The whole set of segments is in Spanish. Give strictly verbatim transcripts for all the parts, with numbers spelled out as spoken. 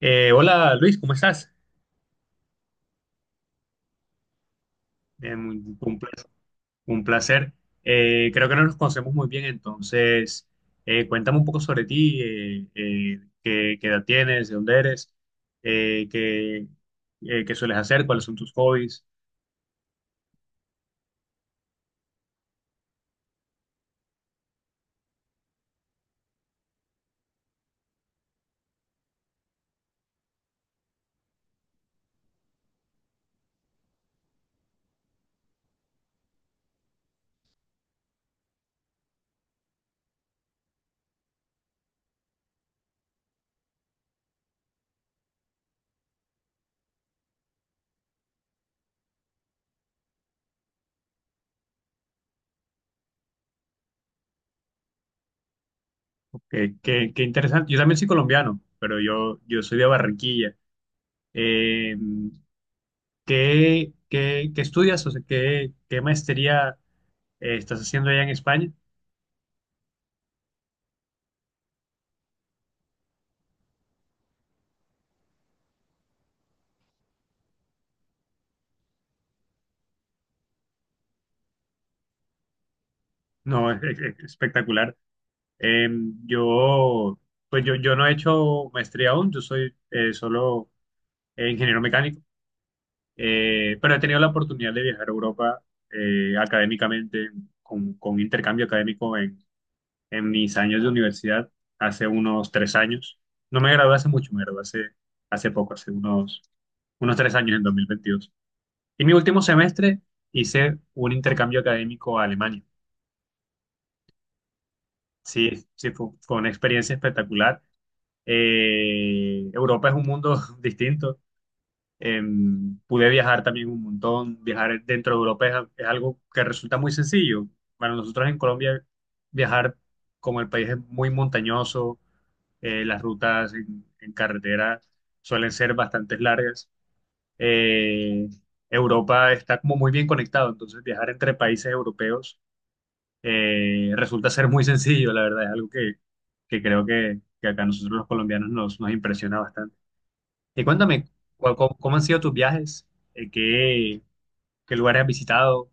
Eh, hola, Luis, ¿cómo estás? Eh, muy- un placer. Un placer. Eh, creo que no nos conocemos muy bien, entonces eh, cuéntame un poco sobre ti. Eh, eh, qué, qué edad tienes? ¿De dónde eres? Eh, qué, eh, qué sueles hacer? ¿Cuáles son tus hobbies? Qué, qué- qué interesante. Yo también soy colombiano, pero yo, yo soy de Barranquilla. Eh, ¿qué, qué- qué estudias? O sea, ¿qué, qué maestría eh, estás haciendo allá en España? No, es espectacular. Eh, yo, pues yo, yo no he hecho maestría aún. Yo soy, eh, solo, eh, ingeniero mecánico. Eh, pero he tenido la oportunidad de viajar a Europa, eh, académicamente, con, con intercambio académico en, en mis años de universidad, hace unos tres años. No me gradué hace mucho. Me gradué hace, hace poco, hace unos, unos tres años, en dos mil veintidós. Y mi último semestre hice un intercambio académico a Alemania. Sí, sí, fue, fue una experiencia espectacular. Eh, Europa es un mundo distinto. Em, pude viajar también un montón. Viajar dentro de Europa es, a- es algo que resulta muy sencillo. Para nosotros en Colombia, viajar, como el país es muy montañoso, eh, las rutas en, en carretera suelen ser bastante largas. Eh, Europa está como muy bien conectado, entonces viajar entre países europeos eh, resulta ser muy sencillo, la verdad. Es algo que, que creo que, que acá a nosotros los colombianos nos, nos impresiona bastante. Y cuéntame, ¿cuál- cómo, cómo han sido tus viajes? Eh, ¿Qué, qué lugares has visitado?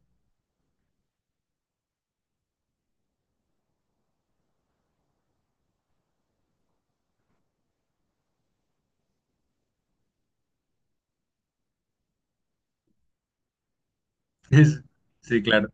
Sí, claro.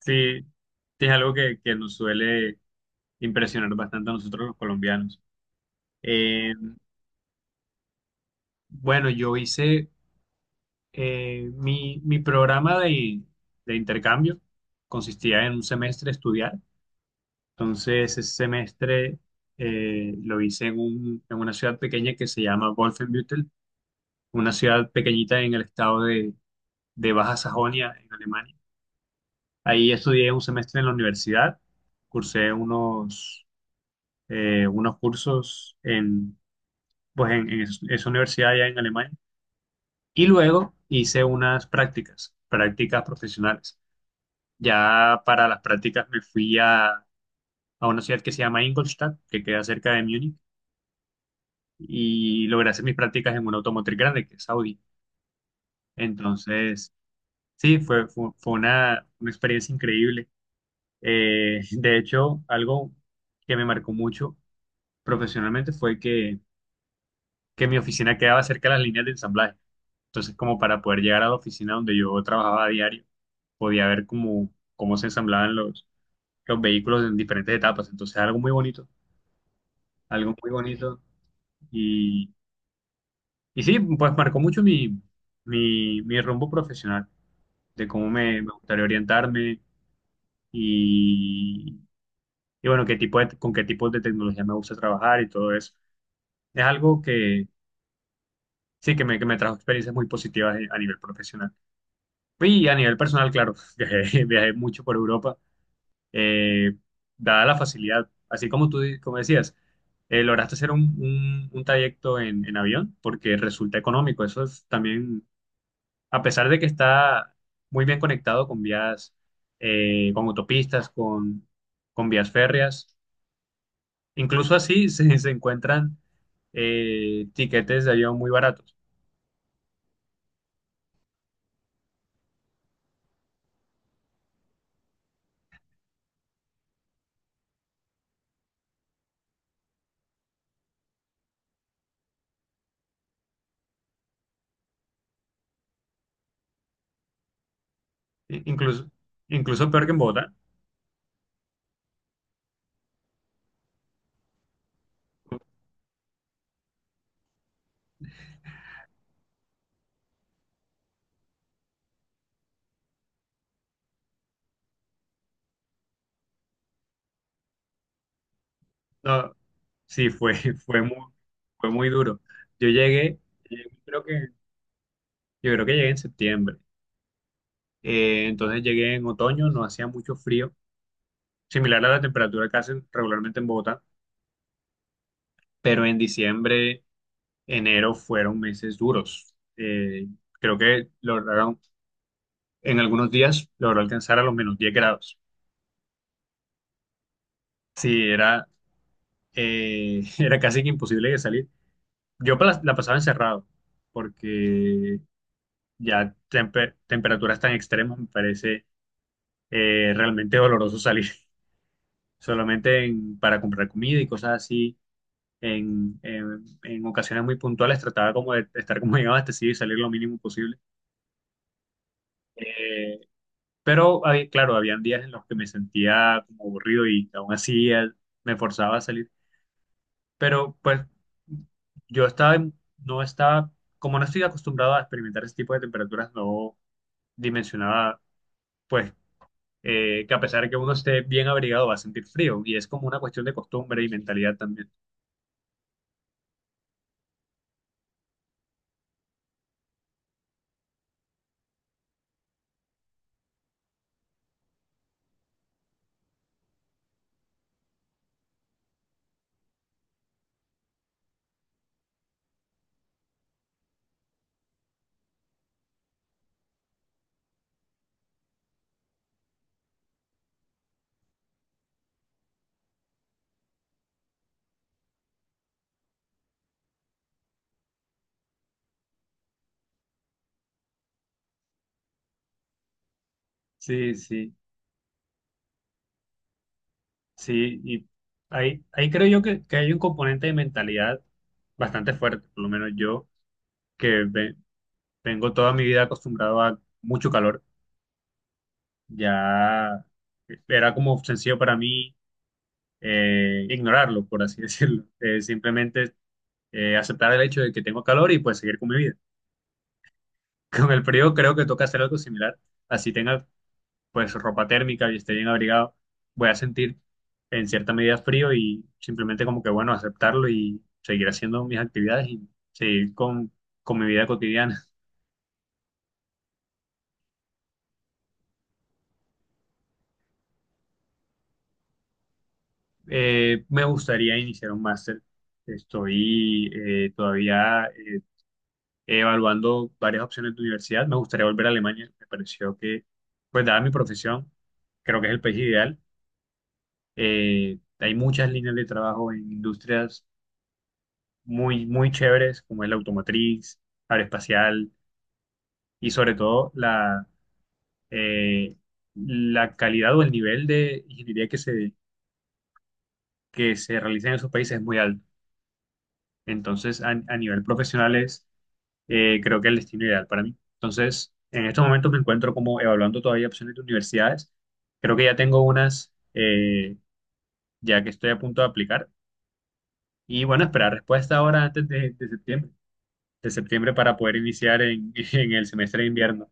Sí, sí, es algo que, que nos suele impresionar bastante a nosotros los colombianos. Eh, bueno, yo hice, eh, mi, mi programa de, de intercambio, consistía en un semestre estudiar. Entonces, ese semestre eh, lo hice en, un- en una ciudad pequeña que se llama Wolfenbüttel, una ciudad pequeñita en el estado de de Baja Sajonia, en Alemania. Ahí estudié un semestre en la universidad, cursé unos, eh, unos cursos en, pues en, en es- esa universidad allá en Alemania, y luego hice unas prácticas, prácticas profesionales. Ya para las prácticas me fui a, a una ciudad que se llama Ingolstadt, que queda cerca de Múnich, y logré hacer mis prácticas en una automotriz grande, que es Audi. Entonces, sí, fue, fue, fue una, una experiencia increíble. Eh, de hecho, algo que me marcó mucho profesionalmente fue que, que mi oficina quedaba cerca de las líneas de ensamblaje. Entonces, como para poder llegar a la oficina donde yo trabajaba a diario, podía ver cómo, cómo se ensamblaban los, los vehículos en diferentes etapas. Entonces, algo muy bonito, algo muy bonito. Y, y sí, pues marcó mucho mi, mi, mi rumbo profesional, de cómo me, me gustaría orientarme, y, y bueno, qué tipo de- con qué tipo de tecnología me gusta trabajar y todo eso. Es algo que sí, que me, que me trajo experiencias muy positivas, eh, a nivel profesional. Y a nivel personal, claro, viajé, viajé mucho por Europa, eh, dada la facilidad, así como tú di- como decías, eh, lograste hacer un, un- un trayecto en, en avión porque resulta económico. Eso es también, a pesar de que está muy bien conectado con vías, eh, con autopistas, con, con vías férreas, incluso así se, se encuentran eh, tiquetes de avión muy baratos. I- Incluso, incluso peor que en Bogotá. No, sí, fue, fue muy, fue muy duro. Yo llegué, eh, creo que, yo creo que llegué en septiembre. Eh, entonces llegué en otoño, no hacía mucho frío, similar a la temperatura que hacen regularmente en Bogotá, pero en diciembre, enero fueron meses duros. Eh, creo que lograron, en algunos días logró alcanzar a los menos diez grados. Sí, era, eh, era casi que imposible de salir. Yo pa- la pasaba encerrado porque ya tempe- temperaturas tan extremas, me parece eh, realmente doloroso salir solamente en- para comprar comida y cosas así. En, en- en ocasiones muy puntuales trataba como de estar como bien abastecido y salir lo mínimo posible. Eh, pero hay- claro, habían días en los que me sentía como aburrido, y aún así eh, me forzaba a salir. Pero pues yo estaba, en- no estaba, como no estoy acostumbrado a experimentar ese tipo de temperaturas, no dimensionaba, pues eh, que a pesar de que uno esté bien abrigado va a sentir frío, y es como una cuestión de costumbre y mentalidad también. Sí, sí, sí. Y ahí, ahí creo yo que, que hay un componente de mentalidad bastante fuerte. Por lo menos yo, que ve- vengo toda mi vida acostumbrado a mucho calor. Ya era como sencillo para mí, eh, ignorarlo, por así decirlo. Eh, simplemente, eh, aceptar el hecho de que tengo calor y pues seguir con mi vida. Con el frío creo que toca hacer algo similar. Así tenga pues ropa térmica y esté bien abrigado, voy a sentir en cierta medida frío, y simplemente como que, bueno, aceptarlo y seguir haciendo mis actividades y seguir con, con mi vida cotidiana. Eh, me gustaría iniciar un máster. Estoy eh, todavía, eh, evaluando varias opciones de universidad. Me gustaría volver a Alemania. Me pareció que, pues, dada mi profesión, creo que es el país ideal. Eh, hay muchas líneas de trabajo en industrias muy, muy chéveres, como es la automotriz, aeroespacial, y sobre todo la, eh, la calidad o el nivel de ingeniería que se, que se realiza en esos países es muy alto. Entonces, a, a nivel profesional es, eh, creo que el destino ideal para mí. Entonces, en estos momentos me encuentro como evaluando todavía opciones de universidades. Creo que ya tengo unas, eh, ya que estoy a punto de aplicar. Y bueno, esperar respuesta ahora antes de, de septiembre, de septiembre para poder iniciar en en el semestre de invierno.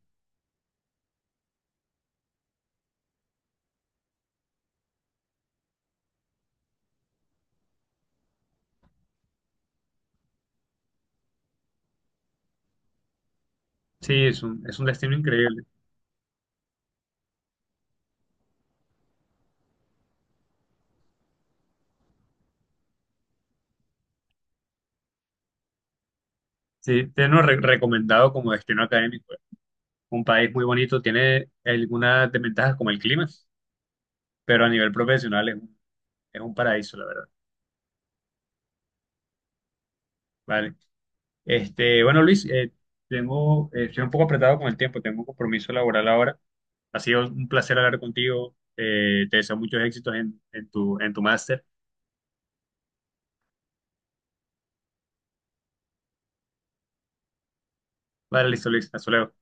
Sí, es un, es un destino increíble. Sí, te lo re- recomendado como destino académico. eh. Un país muy bonito, tiene algunas desventajas como el clima, pero a nivel profesional es, un- es un paraíso, la verdad. Vale. Este, bueno, Luis, eh, tengo, eh, estoy un poco apretado con el tiempo, tengo un compromiso laboral ahora. Ha sido un placer hablar contigo. Eh, te deseo muchos éxitos en, en tu, en tu máster. Vale, listo, Luis. Hasta luego.